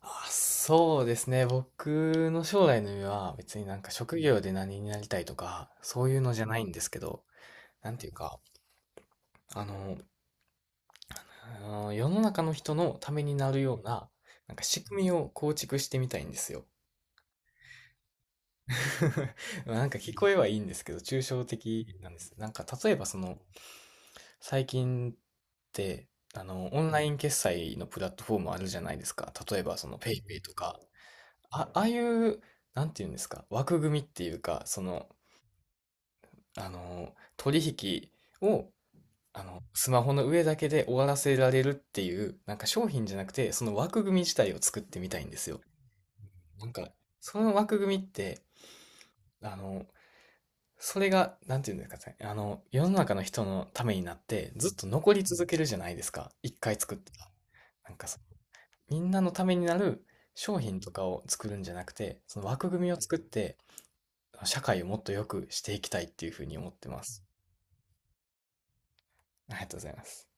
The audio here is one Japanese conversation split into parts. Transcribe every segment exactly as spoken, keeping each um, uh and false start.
あ、そうですね。僕の将来の夢は別になんか職業で何になりたいとか、そういうのじゃないんですけど、なんていうか、あの、あの世の中の人のためになるような、なんか仕組みを構築してみたいんですよ。まあなんか聞こえはいいんですけど、抽象的なんです。なんか例えばその、最近って、あの、オンライン決済のプラットフォームあるじゃないですか。例えばその、ペイペイとか。あ、ああいう、なんていうんですか、枠組みっていうか、その、あの、取引を、あの、スマホの上だけで終わらせられるっていう、なんか商品じゃなくて、その枠組み自体を作ってみたいんですよ。なんか、その枠組みって、あの、それが、なんていうんですかね、あの、世の中の人のためになって、ずっと残り続けるじゃないですか。一回作ったら。なんかそ、みんなのためになる商品とかを作るんじゃなくて、その枠組みを作って、社会をもっと良くしていきたいっていうふうに思ってます。ありがとうございます。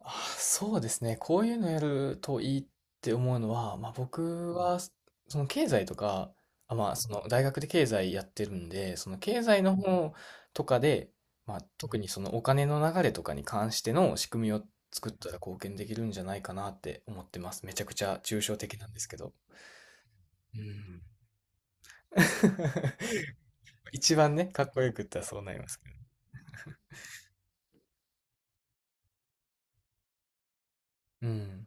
あ、そうですね。こういうのやるといいって思うのは、まあ、僕は、その経済とか、あ、まあ、その大学で経済やってるんで、その経済の方とかで、まあ、特にそのお金の流れとかに関しての仕組みを作ったら貢献できるんじゃないかなって思ってます。めちゃくちゃ抽象的なんですけど。うん。一番ね、かっこよく言ったらそうなりますけど。うん。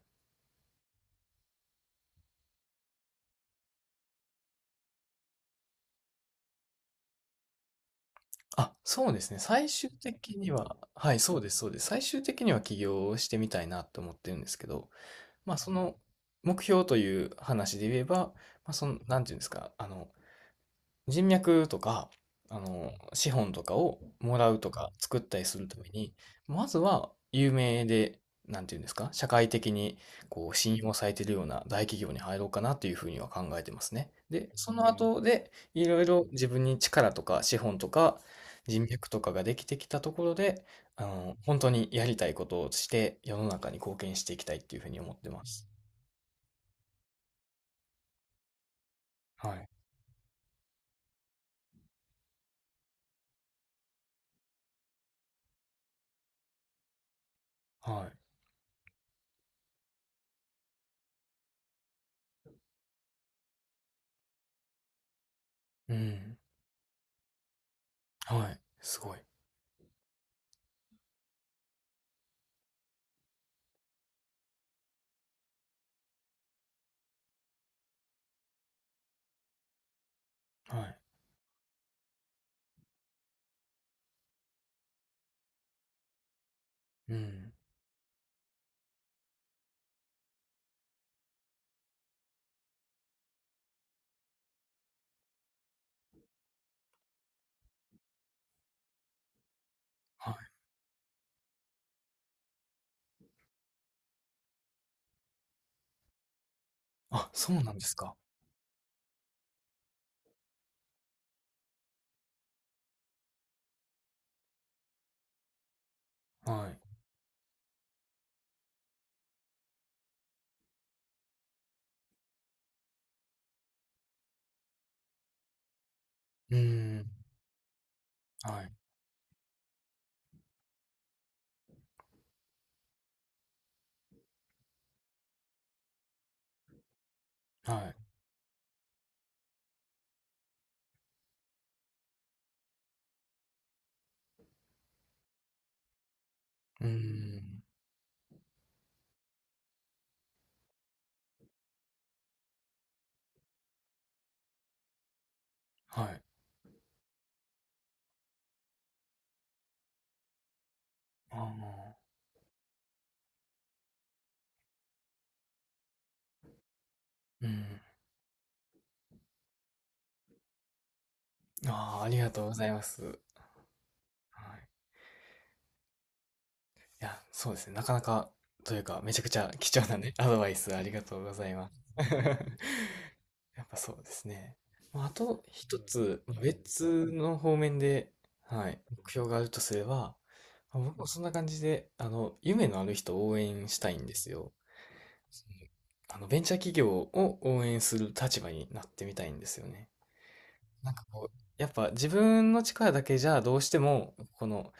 あ、そうですね。最終的には、はい、そうです、そうです。最終的には起業をしてみたいなと思ってるんですけど、まあ、その目標という話で言えば、まあ、その、なんていうんですか、あの、人脈とか、あの、資本とかをもらうとか作ったりするために、まずは有名で、なんていうんですか、社会的にこう信用されているような大企業に入ろうかなというふうには考えてますね。で、その後で、いろいろ自分に力とか資本とか人脈とかができてきたところで、あの、本当にやりたいことをして世の中に貢献していきたいっていうふうに思ってます。はい。はい。うん。はい。すごい。はい。うん。はい。あ、そうなんですか。はい。うーん。はい。はい。うーん。はい。ああ、うん。ああ、ありがとうございます。はい。いや、そうですね、なかなかというか、めちゃくちゃ貴重なね、アドバイスありがとうございます。やっぱそうですね。まあ、あと一つ、ま、別の方面で、はい、目標があるとすれば、ま、僕もそんな感じで、あの、夢のある人を応援したいんですよ。あの、ベンチャー企業を応援する立場になってみたいんですよね。なんかこう、やっぱ自分の力だけじゃどうしても、この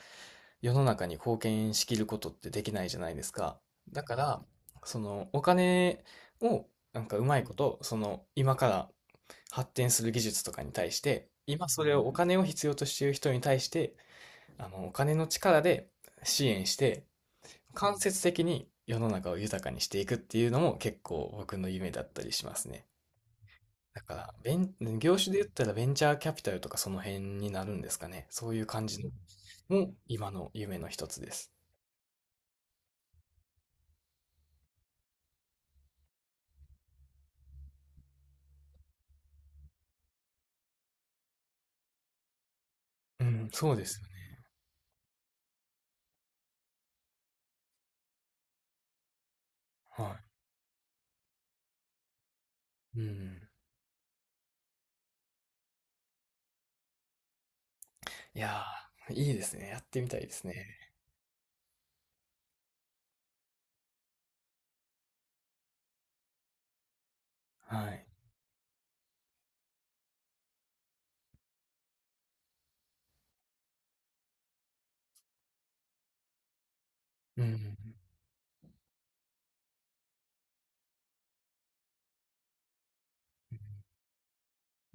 世の中に貢献しきることってできないじゃないですか。だから、そのお金を、なんかうまいこと、その今から発展する技術とかに対して、今それをお金を必要としている人に対して、あの、お金の力で支援して、間接的に世の中を豊かにしていくっていうのも結構僕の夢だったりしますね。だから、ベン、業種で言ったらベンチャーキャピタルとかその辺になるんですかね。そういう感じのも今の夢の一つです。うん、そうですよね。はい。うん。いやー、いいですね。やってみたいですね。はい。うん、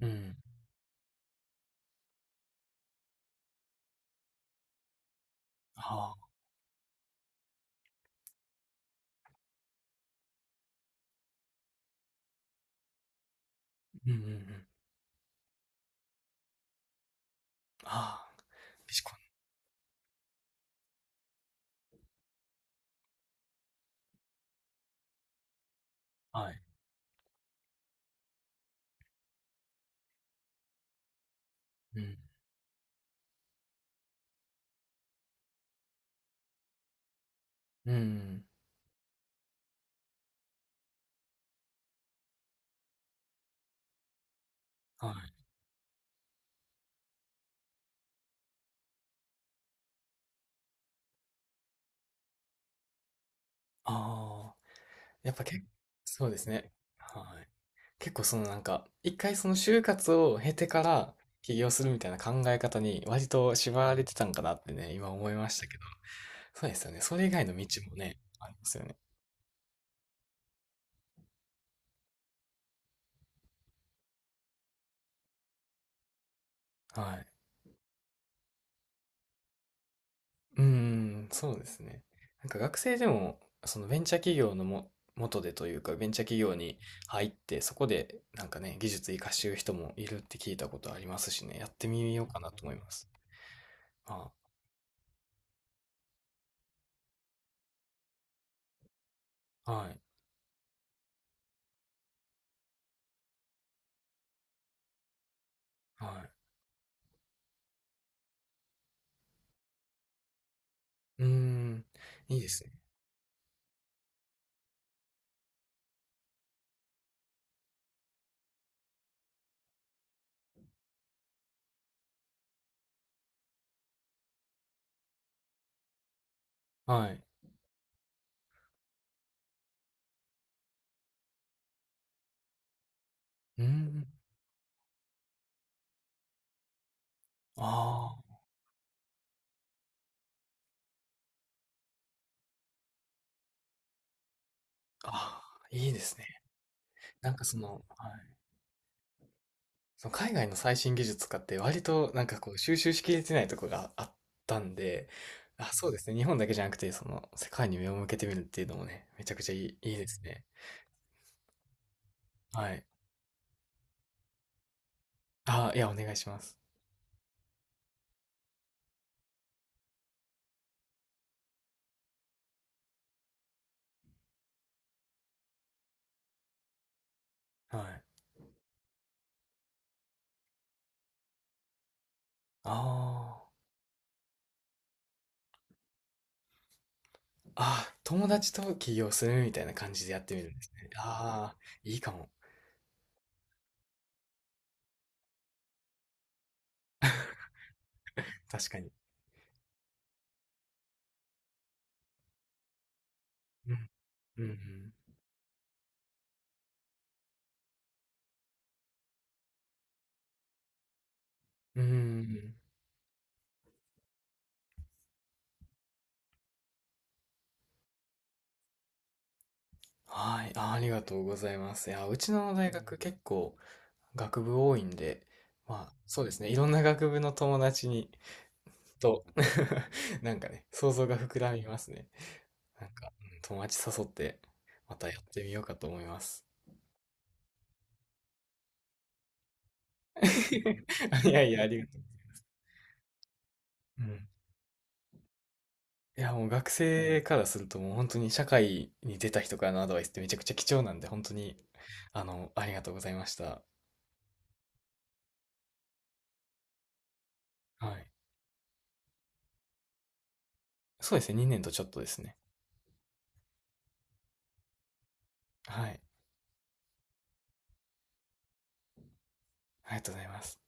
うん、うん。ああ、うん、うん、うん。ああ、ビシコン。はい。うん、うん、はい。ああ、やっぱ結構、そうですね。はい。結構そのなんか、一回その就活を経てから起業するみたいな考え方に割と縛られてたんかなってね、今思いましたけど。そうですよね。それ以外の道もね、ありますよね。はい。うーん、そうですね。なんか学生でも、そのベンチャー企業のも、元でというか、ベンチャー企業に入って、そこでなんかね、技術活かしてる人もいるって聞いたことありますしね、やってみようかなと思います。あ、はい、はい。うーん、いいですね。はい。うーん、ああ。ああ、いいですね。なんかその、はい。その海外の最新技術とかって割となんかこう収集しきれてないとこがあったんで、あ、そうですね。日本だけじゃなくて、その世界に目を向けてみるっていうのもね、めちゃくちゃいい、いいですね。はい。あ、いや、お願いします。はい。ああ。あ、友達と起業するみたいな感じでやってみるんですね。ああ、いいかも。確かに。うん。うんうん。うんうんうん。はい。あー、ありがとうございます。いや、うちの大学結構、学部多いんで、まあそうですね、いろんな学部の友達に、と、なんかね、想像が膨らみますね。なんか、うん友達誘って、またやってみようかと思います。いやいや、ありがとう。うん。いや、もう学生からするともう本当に社会に出た人からのアドバイスってめちゃくちゃ貴重なんで、本当に、あの、ありがとうございました。はい。そうですね、にねんとちょっとですね。はい。ありがとうございます。